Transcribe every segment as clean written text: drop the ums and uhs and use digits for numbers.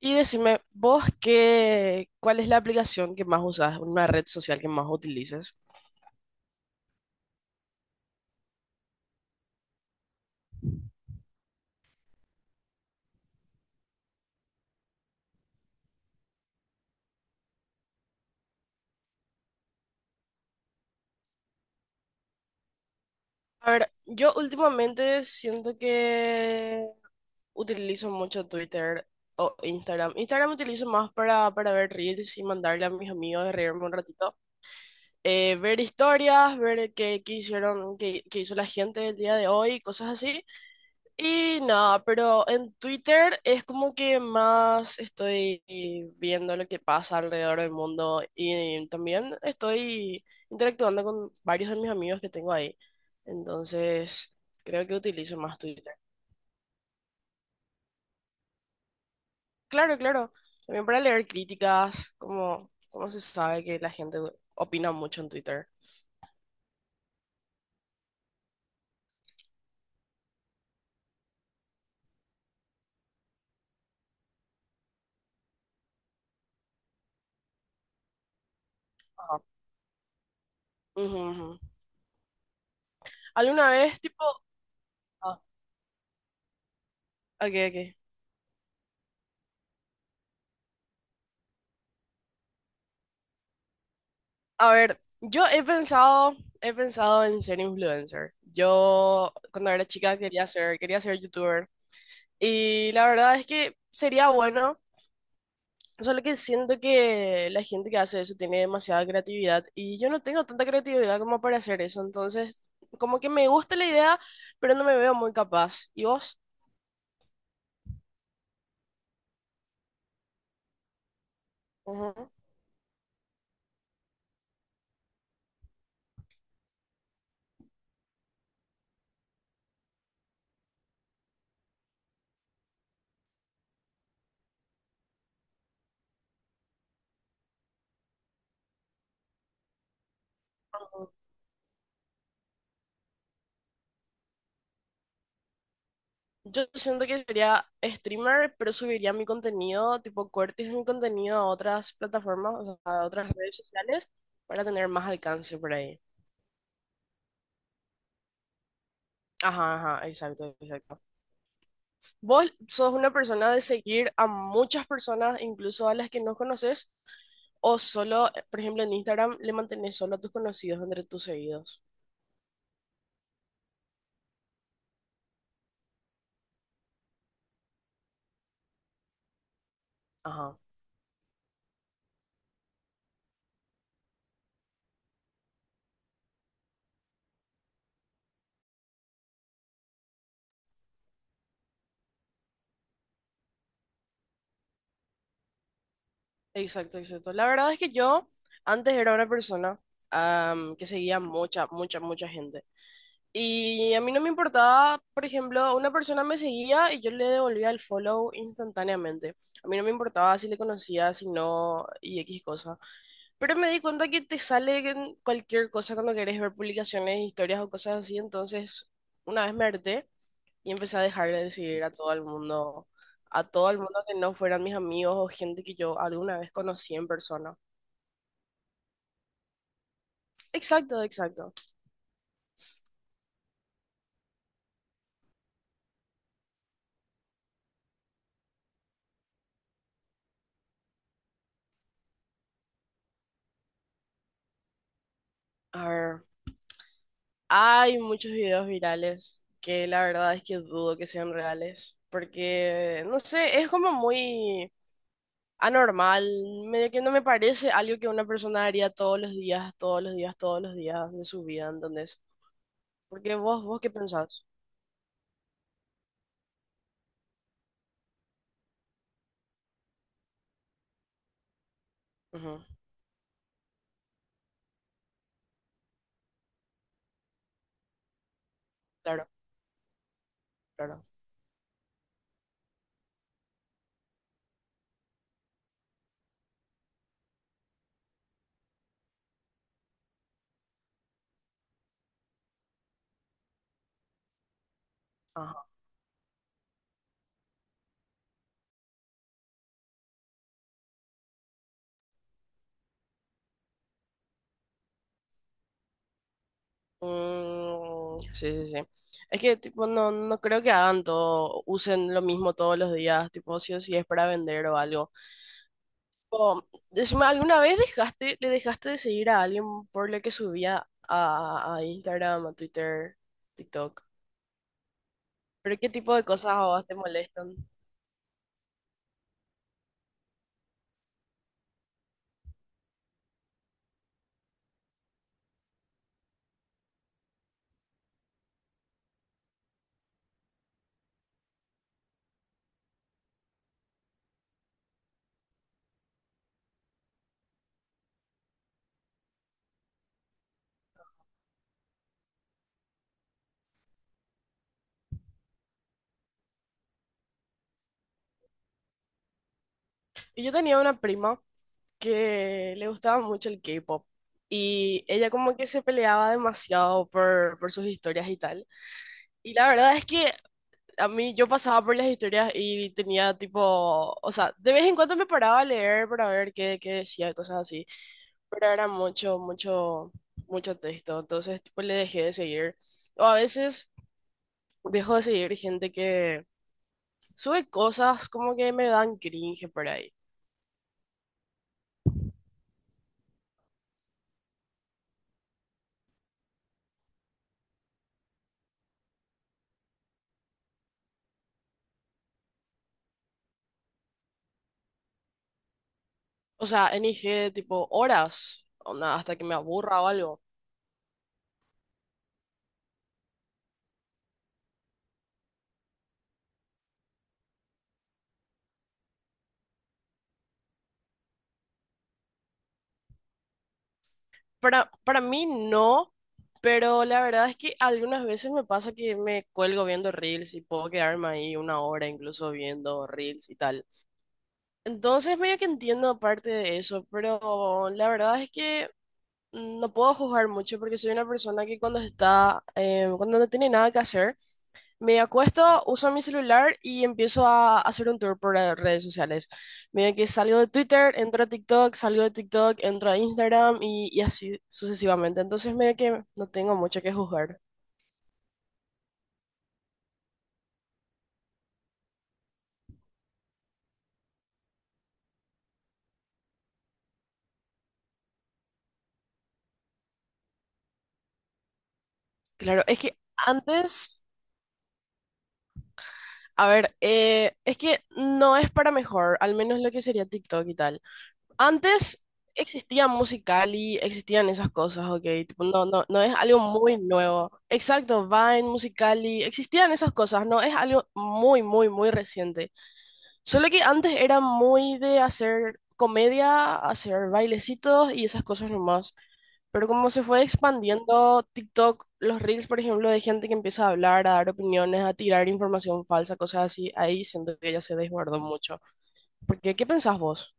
Y decime, vos qué, ¿cuál es la aplicación que más usas, una red social que más utilizas? A ver, yo últimamente siento que utilizo mucho Twitter o Instagram. Instagram utilizo más para ver reels y mandarle a mis amigos de reírme un ratito. Ver historias, ver qué hicieron, qué hizo la gente el día de hoy, cosas así. Y nada, pero en Twitter es como que más estoy viendo lo que pasa alrededor del mundo y también estoy interactuando con varios de mis amigos que tengo ahí. Entonces, creo que utilizo más Twitter. Claro, claro. También para leer críticas, como se sabe que la gente opina mucho en Twitter. Ajá. Ujú, ujú. ¿Alguna vez, tipo... Ah, ok, ok. A ver, yo he pensado en ser influencer. Yo cuando era chica quería ser youtuber. Y la verdad es que sería bueno, solo que siento que la gente que hace eso tiene demasiada creatividad y yo no tengo tanta creatividad como para hacer eso. Entonces, como que me gusta la idea, pero no me veo muy capaz. ¿Y vos? Ujú. Yo siento que sería streamer, pero subiría mi contenido, tipo cortes de mi contenido a otras plataformas, o sea, a otras redes sociales, para tener más alcance por ahí. Ajá, ajá, exacto, exacto. ¿Vos sos una persona de seguir a muchas personas, incluso a las que no conoces, o solo, por ejemplo, en Instagram le mantenés solo a tus conocidos entre tus seguidos? Ajá, exacto, exacto. La verdad es que yo antes era una persona, que seguía mucha mucha gente. Y a mí no me importaba, por ejemplo, una persona me seguía y yo le devolvía el follow instantáneamente. A mí no me importaba si le conocía, si no, y X cosa. Pero me di cuenta que te sale en cualquier cosa cuando querés ver publicaciones, historias o cosas así. Entonces, una vez me harté y empecé a dejar de seguir a todo el mundo, a todo el mundo que no fueran mis amigos o gente que yo alguna vez conocí en persona. Exacto, exacto. A ver. Hay muchos videos virales que la verdad es que dudo que sean reales, porque, no sé, es como muy anormal, medio que no me parece algo que una persona haría todos los días, todos los días, todos los días de su vida, ¿entendés? Porque vos qué pensás? Ujú, claro, claro. Ajá. Mm, sí, sí, sí. Es que, tipo, no creo que hagan todo, usen lo mismo todos los días, tipo, si o si es para vender o algo. O, decime, ¿alguna vez dejaste, le dejaste de seguir a alguien por lo que subía a Instagram, a Twitter, TikTok? ¿Pero qué tipo de cosas a vos te molestan? Y yo tenía una prima que le gustaba mucho el K-pop y ella como que se peleaba demasiado por sus historias y tal. Y la verdad es que a mí yo pasaba por las historias y tenía tipo, o sea, de vez en cuando me paraba a leer para ver qué decía, cosas así, pero era mucho mucho texto, entonces tipo le dejé de seguir. O a veces dejo de seguir gente que sube cosas como que me dan cringe por ahí. O sea, en IG tipo horas, onda, hasta que me aburra o algo. Para mí no, pero la verdad es que algunas veces me pasa que me cuelgo viendo reels y puedo quedarme ahí una hora incluso viendo reels y tal. Entonces medio que entiendo aparte de eso, pero la verdad es que no puedo juzgar mucho porque soy una persona que cuando está, cuando no tiene nada que hacer, me acuesto, uso mi celular y empiezo a hacer un tour por las redes sociales. Mira que salgo de Twitter, entro a TikTok, salgo de TikTok, entro a Instagram y así sucesivamente. Entonces medio que no tengo mucho que juzgar. Claro, es que antes, a ver, es que no es para mejor, al menos lo que sería TikTok y tal. Antes existía Musical.ly, existían esas cosas, ok, tipo, no es algo muy nuevo. Exacto, Vine, Musical.ly, existían esas cosas, no es algo muy muy reciente. Solo que antes era muy de hacer comedia, hacer bailecitos y esas cosas nomás. Pero como se fue expandiendo TikTok, los reels, por ejemplo, de gente que empieza a hablar, a dar opiniones, a tirar información falsa, cosas así, ahí siento que ya se desbordó mucho. Porque, ¿qué pensás vos?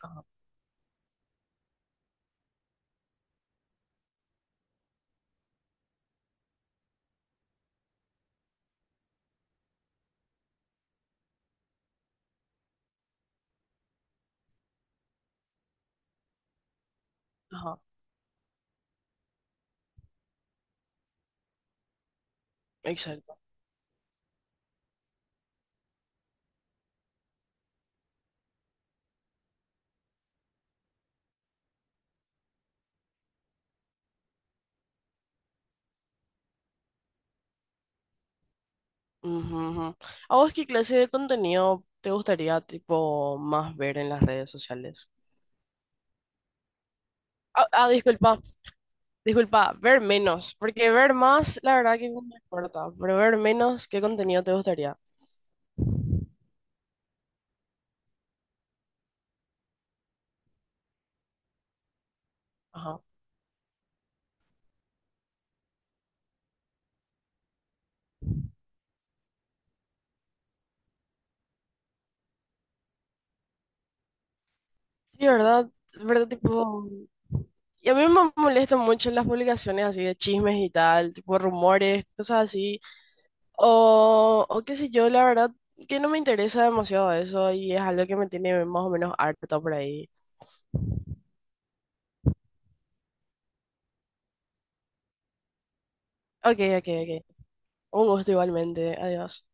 Ajá, ajá. Exacto. Ujú, ujú. ¿A vos qué clase de contenido te gustaría, tipo, más ver en las redes sociales? Ah, ah, disculpa, ver menos, porque ver más, la verdad que no me importa, pero ver menos, ¿qué contenido te gustaría? Ajá. Sí, ¿verdad? ¿Verdad? Tipo, y a mí me molestan mucho las publicaciones así de chismes y tal, tipo rumores, cosas así. O qué sé yo, la verdad que no me interesa demasiado eso y es algo que me tiene más o menos harta por ahí. Ok, ok, ok. Un gusto igualmente. Adiós.